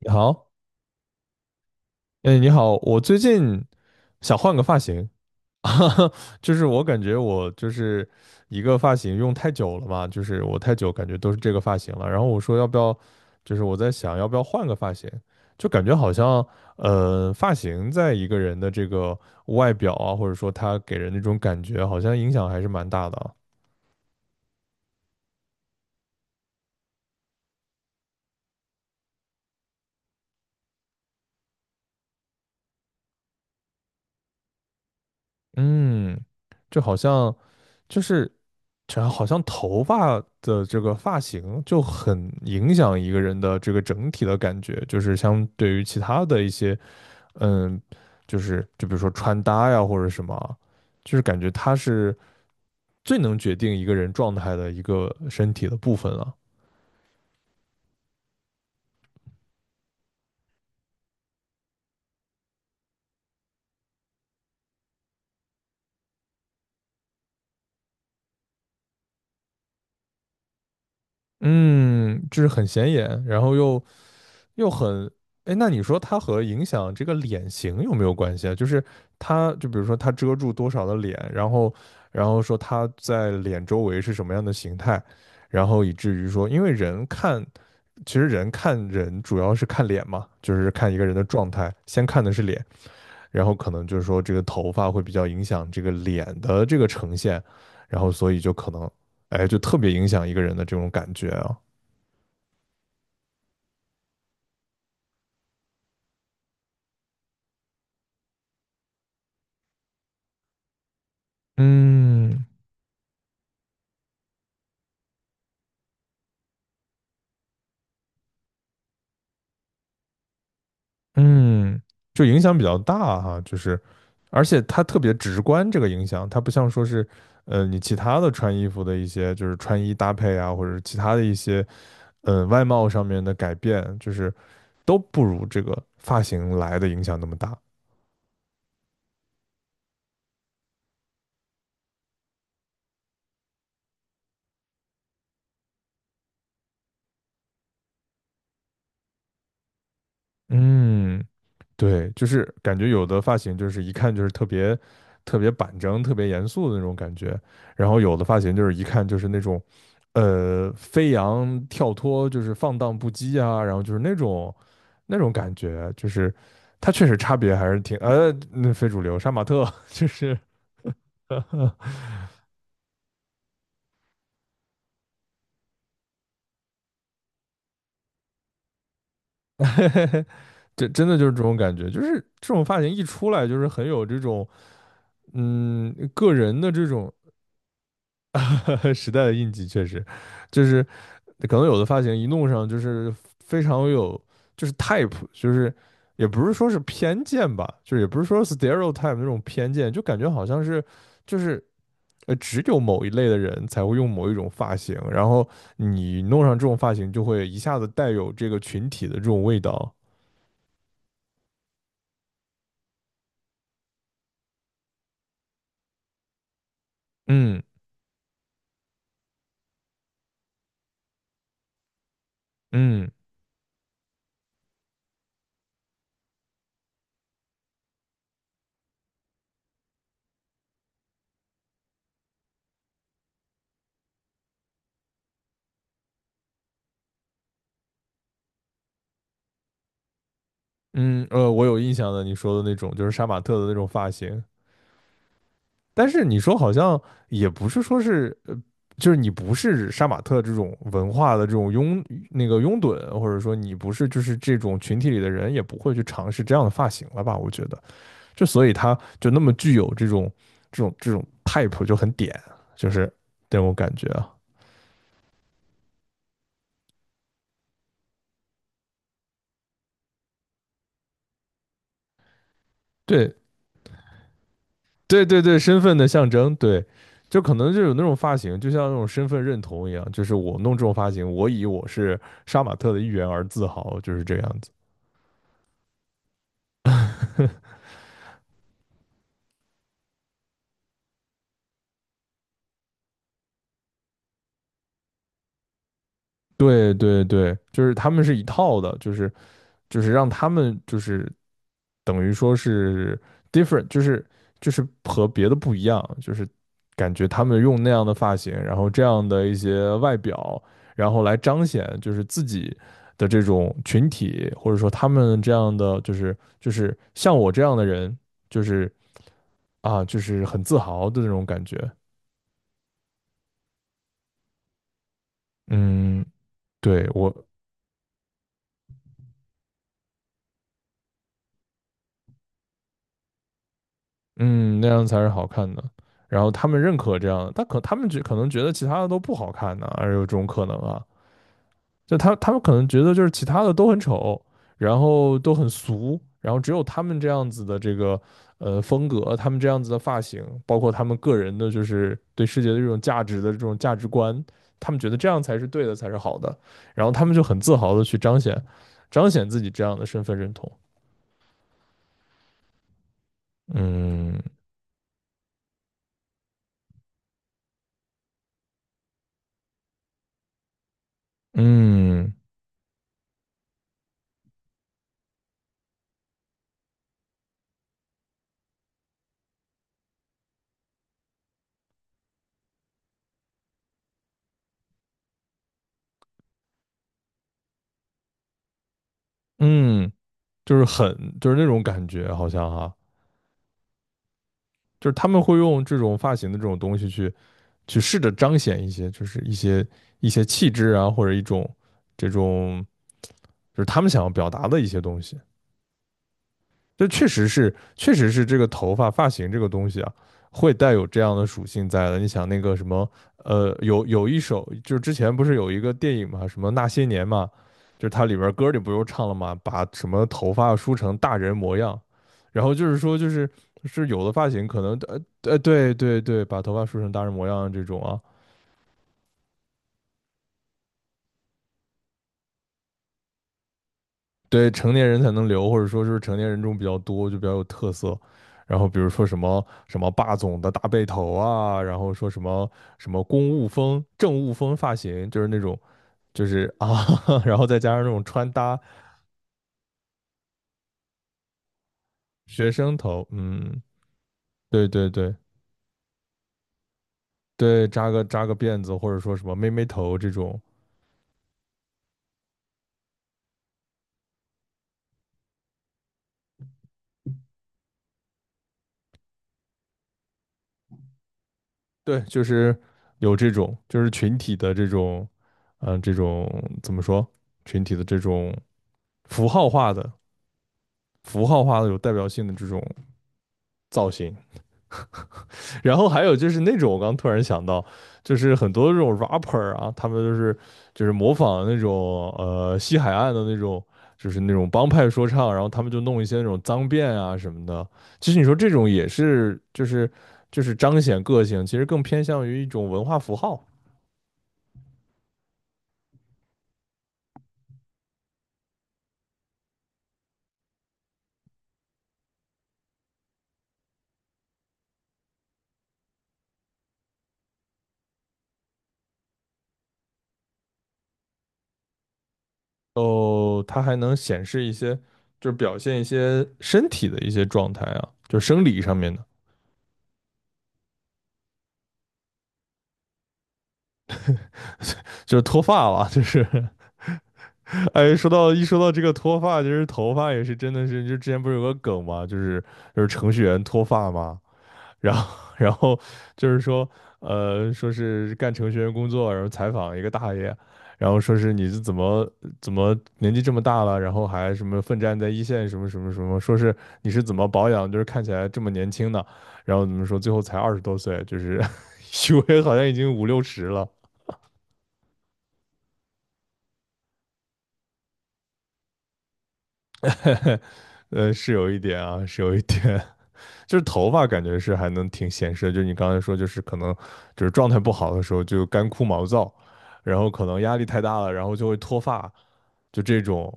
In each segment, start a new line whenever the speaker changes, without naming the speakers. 你好，哎，你好，我最近想换个发型，就是我感觉我就是一个发型用太久了嘛，就是我太久感觉都是这个发型了，然后我说要不要，就是我在想要不要换个发型，就感觉好像发型在一个人的这个外表啊，或者说他给人那种感觉，好像影响还是蛮大的啊。嗯，就好像。就是这好像头发的这个发型就很影响一个人的这个整体的感觉，就是相对于其他的一些，嗯，就是就比如说穿搭呀或者什么，就是感觉它是最能决定一个人状态的一个身体的部分了。嗯，就是很显眼，然后又很，哎，那你说它和影响这个脸型有没有关系啊？就是它，就比如说它遮住多少的脸，然后说它在脸周围是什么样的形态，然后以至于说，因为人看，其实人看人主要是看脸嘛，就是看一个人的状态，先看的是脸，然后可能就是说这个头发会比较影响这个脸的这个呈现，然后所以就可能，哎，就特别影响一个人的这种感觉啊。嗯，嗯，就影响比较大哈，就是，而且它特别直观，这个影响，它不像说是，你其他的穿衣服的一些，就是穿衣搭配啊，或者是其他的一些，外貌上面的改变，就是都不如这个发型来的影响那么大。嗯，对，就是感觉有的发型就是一看就是特别特别板正、特别严肃的那种感觉，然后有的发型就是一看就是那种，飞扬跳脱，就是放荡不羁啊，然后就是那种感觉，就是它确实差别还是挺。那非主流杀马特 就是 这真的就是这种感觉，就是这种发型一出来就是很有这种个人的这种 时代的印记，确实就是可能有的发型一弄上就是非常有，就是 type，就是也不是说是偏见吧，就是也不是说 stereotype 那种偏见，就感觉好像是就是只有某一类的人才会用某一种发型，然后你弄上这种发型就会一下子带有这个群体的这种味道。嗯嗯嗯，我有印象的，你说的那种就是杀马特的那种发型，但是你说好像也不是说是就是你不是杀马特这种文化的这种拥那个拥趸，或者说你不是就是这种群体里的人，也不会去尝试这样的发型了吧？我觉得，就所以他就那么具有这种 type 就很点，就是这种感觉啊。对对对对，身份的象征，对，就可能就有那种发型，就像那种身份认同一样，就是我弄这种发型，我以我是杀马特的一员而自豪，就是这样子。对对对，就是他们是一套的，就是让他们就是等于说是 different，就是和别的不一样，就是感觉他们用那样的发型，然后这样的一些外表，然后来彰显就是自己的这种群体，或者说他们这样的就是像我这样的人，就是啊就是很自豪的那种感觉。嗯，对，那样才是好看的。然后他们认可这样的，他们可能觉得其他的都不好看呢、而有这种可能啊。就他们可能觉得就是其他的都很丑，然后都很俗，然后只有他们这样子的这个风格，他们这样子的发型，包括他们个人的就是对世界的这种价值的这种价值观，他们觉得这样才是对的，才是好的。然后他们就很自豪的去彰显自己这样的身份认同。嗯嗯嗯。就是很就是那种感觉，好像哈、啊就是他们会用这种发型的这种东西去试着彰显一些，就是一些一些气质啊，或者一种这种就是他们想要表达的一些东西。这确实是，确实是这个头发发型这个东西啊，会带有这样的属性在的。你想那个什么，有一首，就是之前不是有一个电影嘛，什么那些年嘛，就是它里边歌里不就唱了嘛，把什么头发梳成大人模样，然后就是说就是有的发型可能对对对，把头发梳成大人模样这种啊，对成年人才能留，或者说是成年人中比较多，就比较有特色。然后比如说什么什么霸总的大背头啊，然后说什么什么公务风、政务风发型，就是那种就是啊，然后再加上那种穿搭学生头，嗯，对对对对，扎个辫子，或者说什么妹妹头这种，对，就是有这种就是群体的这种，这种怎么说群体的这种符号化的符号化的有代表性的这种造型。然后还有就是那种，我刚突然想到，就是很多这种 rapper 啊，他们就是模仿那种西海岸的那种，就是那种帮派说唱，然后他们就弄一些那种脏辫啊什么的。其实你说这种也是，就是彰显个性，其实更偏向于一种文化符号。哦，它还能显示一些，就是表现一些身体的一些状态啊，就是生理上面的，就是脱发了，就是 哎，说到这个脱发，其实头发也是真的是，就之前不是有个梗嘛，就是程序员脱发嘛，然后就是说，说是干程序员工作，然后采访一个大爷，然后说是你是怎么年纪这么大了，然后还什么奋战在一线什么什么什么，说是你是怎么保养，就是看起来这么年轻的，然后怎么说最后才20多岁，就是 以为好像已经五六十了，是有一点啊，是有一点，就是头发感觉是还能挺显示的，就是你刚才说，就是可能就是状态不好的时候就干枯毛躁，然后可能压力太大了，然后就会脱发，就这种。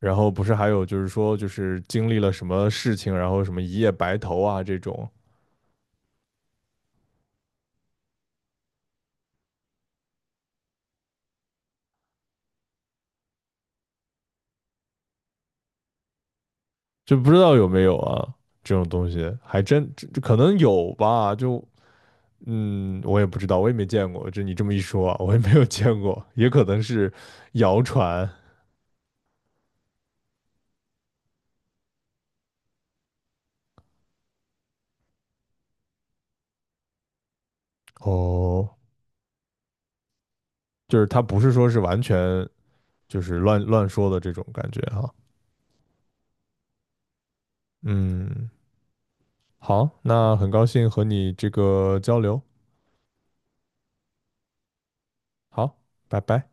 然后不是还有就是说，就是经历了什么事情，然后什么一夜白头啊这种，就不知道有没有啊这种东西，还真可能有吧，我也不知道，我也没见过。就你这么一说啊，我也没有见过，也可能是谣传哦，就是它不是说是完全就是乱说的这种感觉哈。嗯，好，那很高兴和你这个交流，好，拜拜。